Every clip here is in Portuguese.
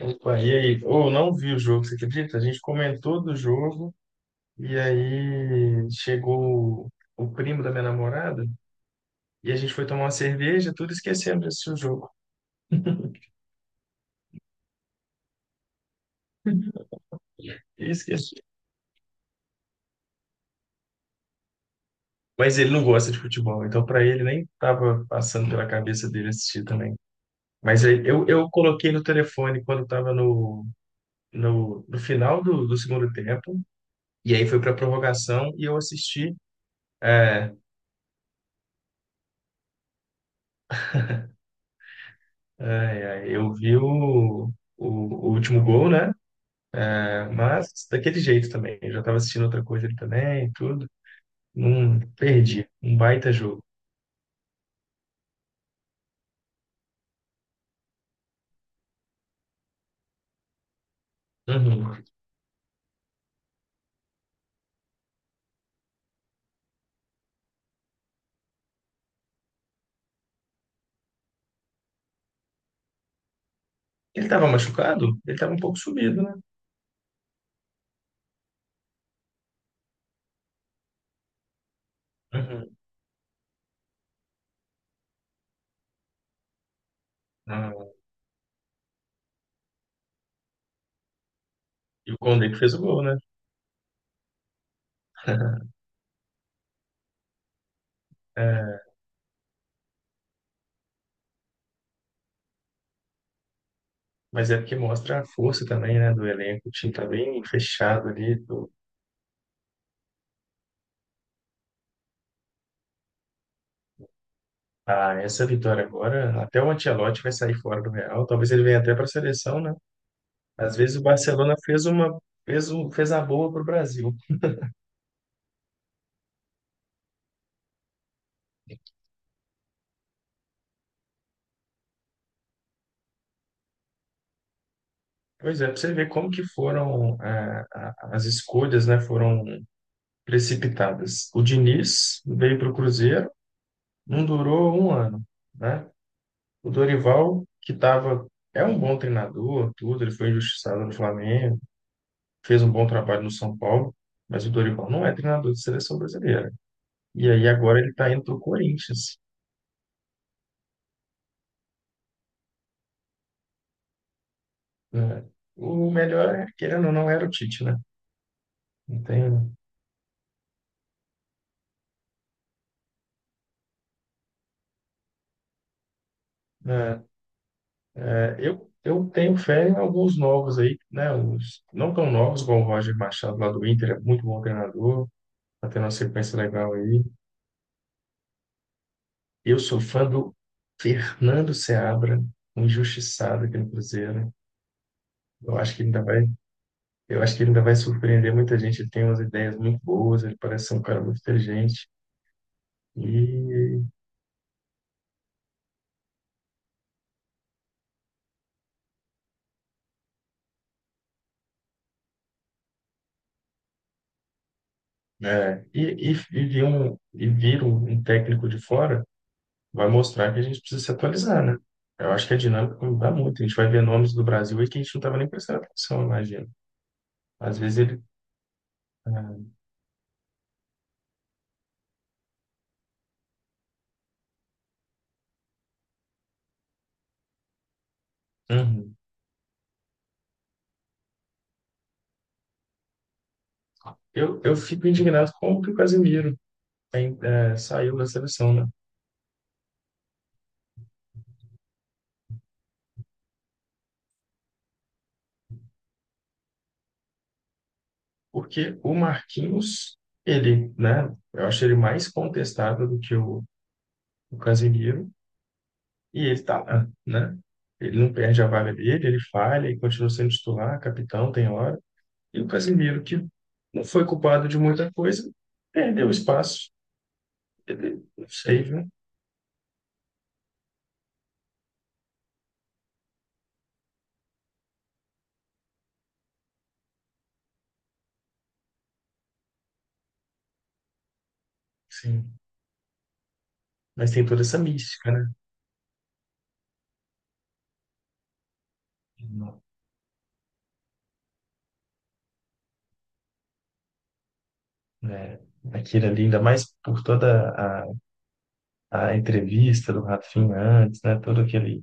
Opa, e aí? Ou não vi o jogo, você acredita? A gente comentou do jogo e aí chegou o primo da minha namorada e a gente foi tomar uma cerveja, tudo esquecendo de assistir o jogo. E esqueci. Mas ele não gosta de futebol, então para ele nem tava passando pela cabeça dele assistir também. Mas aí eu coloquei no telefone quando estava no final do segundo tempo, e aí foi para prorrogação e eu assisti. É, é, é, eu vi o, o último gol, né? Mas daquele jeito também. Eu já estava assistindo outra coisa ali também e tudo. Não perdi. Um baita jogo. Uhum. Ele estava machucado? Ele estava um pouco subido, né? Uhum. Ah, e o Condé que fez o gol, né? É, mas é porque mostra a força também, né, do elenco. O time tá bem fechado ali. Ah, essa vitória agora, até o Ancelotti vai sair fora do Real. Talvez ele venha até para a seleção, né? Às vezes o Barcelona fez uma, fez um, fez a boa pro Brasil. Pois é, para você ver como que foram as escolhas, né, foram precipitadas. O Diniz veio para o Cruzeiro, não durou um ano, né? O Dorival, que tava, é um bom treinador, tudo, ele foi injustiçado no Flamengo, fez um bom trabalho no São Paulo, mas o Dorival não é treinador de seleção brasileira. E aí agora ele está indo para o Corinthians, né? O melhor, querendo ou não, era o Tite, né? Não tem, né? Eu tenho fé em alguns novos aí, né? Uns não tão novos, como o Roger Machado lá do Inter, é muito bom treinador, tá tendo uma sequência legal aí. Eu sou fã do Fernando Seabra, um injustiçado aqui no Cruzeiro. Eu acho que ele ainda vai, eu acho que ele ainda vai surpreender muita gente. Ele tem umas ideias muito boas, ele parece ser um cara muito inteligente. E, e vira um técnico de fora. Vai mostrar que a gente precisa se atualizar, né? Eu acho que a dinâmica muda muito. A gente vai ver nomes do Brasil aí que a gente não estava nem prestando atenção, eu imagino. Às vezes ele. é, uhum. Eu fico indignado com o que o Casemiro saiu da seleção, né? Porque o Marquinhos, ele, né? Eu acho ele mais contestável do que o Casemiro, e ele tá lá, né? Ele não perde a vaga dele, ele falha e continua sendo titular, capitão, tem hora. E o Casemiro, que não foi culpado de muita coisa, perdeu espaço. Ele, não sei, né? Sim. Mas tem toda essa mística, né? Não, né? Aquilo ali, ainda mais por toda a, a entrevista do Rafinha antes, né? Todo aquele,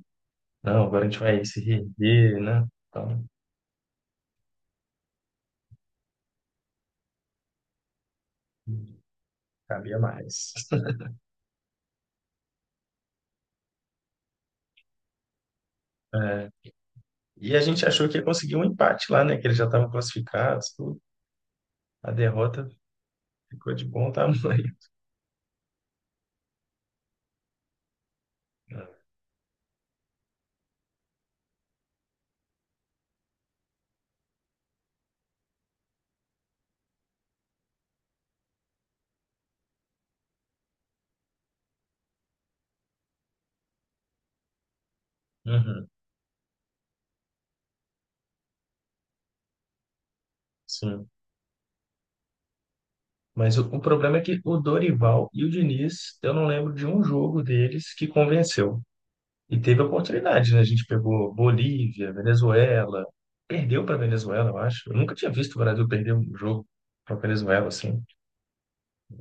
não, agora a gente vai se reerguer, né? Então, cabia mais. É, e a gente achou que ia conseguir um empate lá, né? Que eles já estavam classificados, tudo. A derrota ficou de bom tamanho. Uhum, sim. Mas o problema é que o Dorival e o Diniz, eu não lembro de um jogo deles que convenceu. E teve oportunidade, né? A gente pegou Bolívia, Venezuela, perdeu para Venezuela, eu acho. Eu nunca tinha visto o Brasil perder um jogo para Venezuela, assim.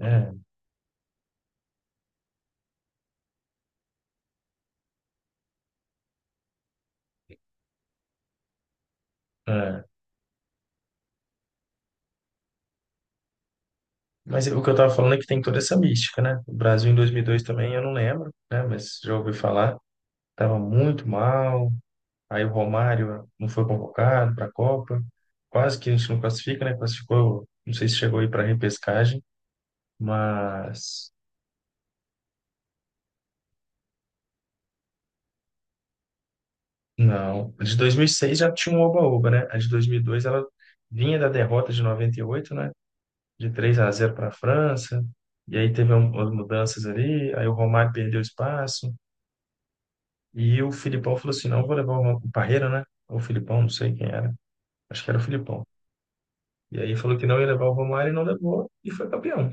É, é. Mas o que eu tava falando é que tem toda essa mística, né? O Brasil em 2002 também, eu não lembro, né? Mas já ouvi falar, tava muito mal. Aí o Romário não foi convocado para a Copa. Quase que a gente não classifica, né? Classificou, não sei se chegou aí para repescagem. Mas não, a de 2006 já tinha um oba-oba, né? A de 2002 ela vinha da derrota de 98, né? De 3 a zero para a França. E aí teve umas mudanças ali, aí o Romário perdeu espaço e o Filipão falou assim: "Não vou levar o, o Parreira, né? Ou o Filipão, não sei quem era. Acho que era o Filipão. E aí falou que não ia levar o Romário e não levou e foi campeão.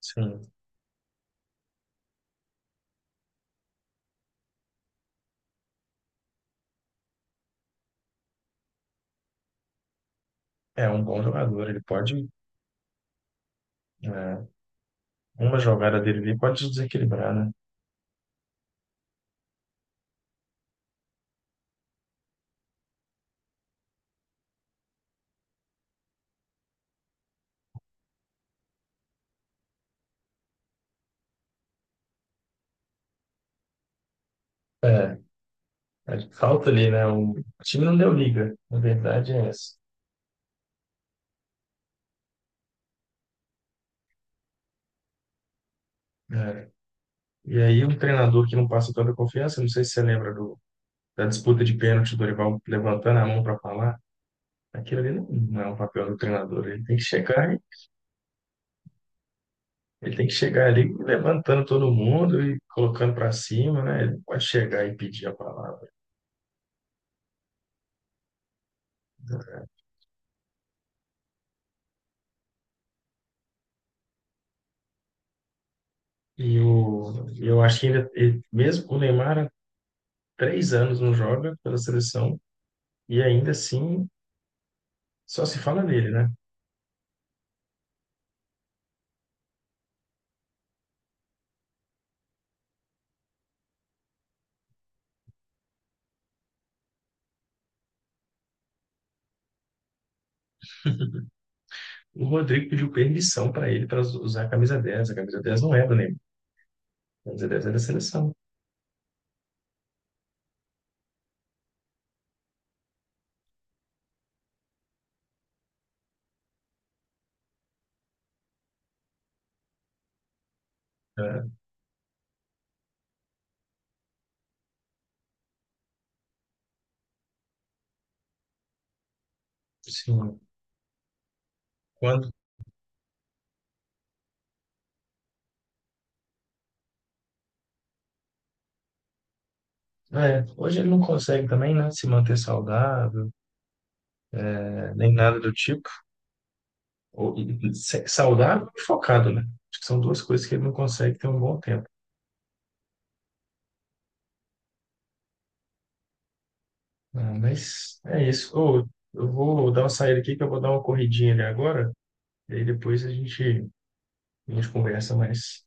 Sim, é um bom jogador, ele pode, é, uma jogada dele ali pode desequilibrar, né? é É, falta ali, né? O time não deu liga, na verdade é essa. É. E aí um treinador que não passa toda a confiança, não sei se você lembra da disputa de pênalti do Dorival levantando a mão para falar, aquilo ali não, não é um papel do treinador, ele tem que chegar ali levantando todo mundo e colocando para cima, né? Ele não pode chegar e pedir a palavra. E eu acho que ainda, e mesmo o Neymar há 3 anos não joga pela seleção e ainda assim só se fala nele, né? O Rodrigo pediu permissão para ele para usar a camisa 10. A camisa 10 não é do Neymar. A camisa 10 é da seleção. É, sim. Quando? É, hoje ele não consegue também, né? Se manter saudável, né, nem nada do tipo. Ou, saudável e focado, né? Acho que são duas coisas que ele não consegue ter um bom tempo. Ah, mas é isso. Ô, eu vou dar uma saída aqui, que eu vou dar uma corridinha ali agora. E aí depois a gente conversa mais.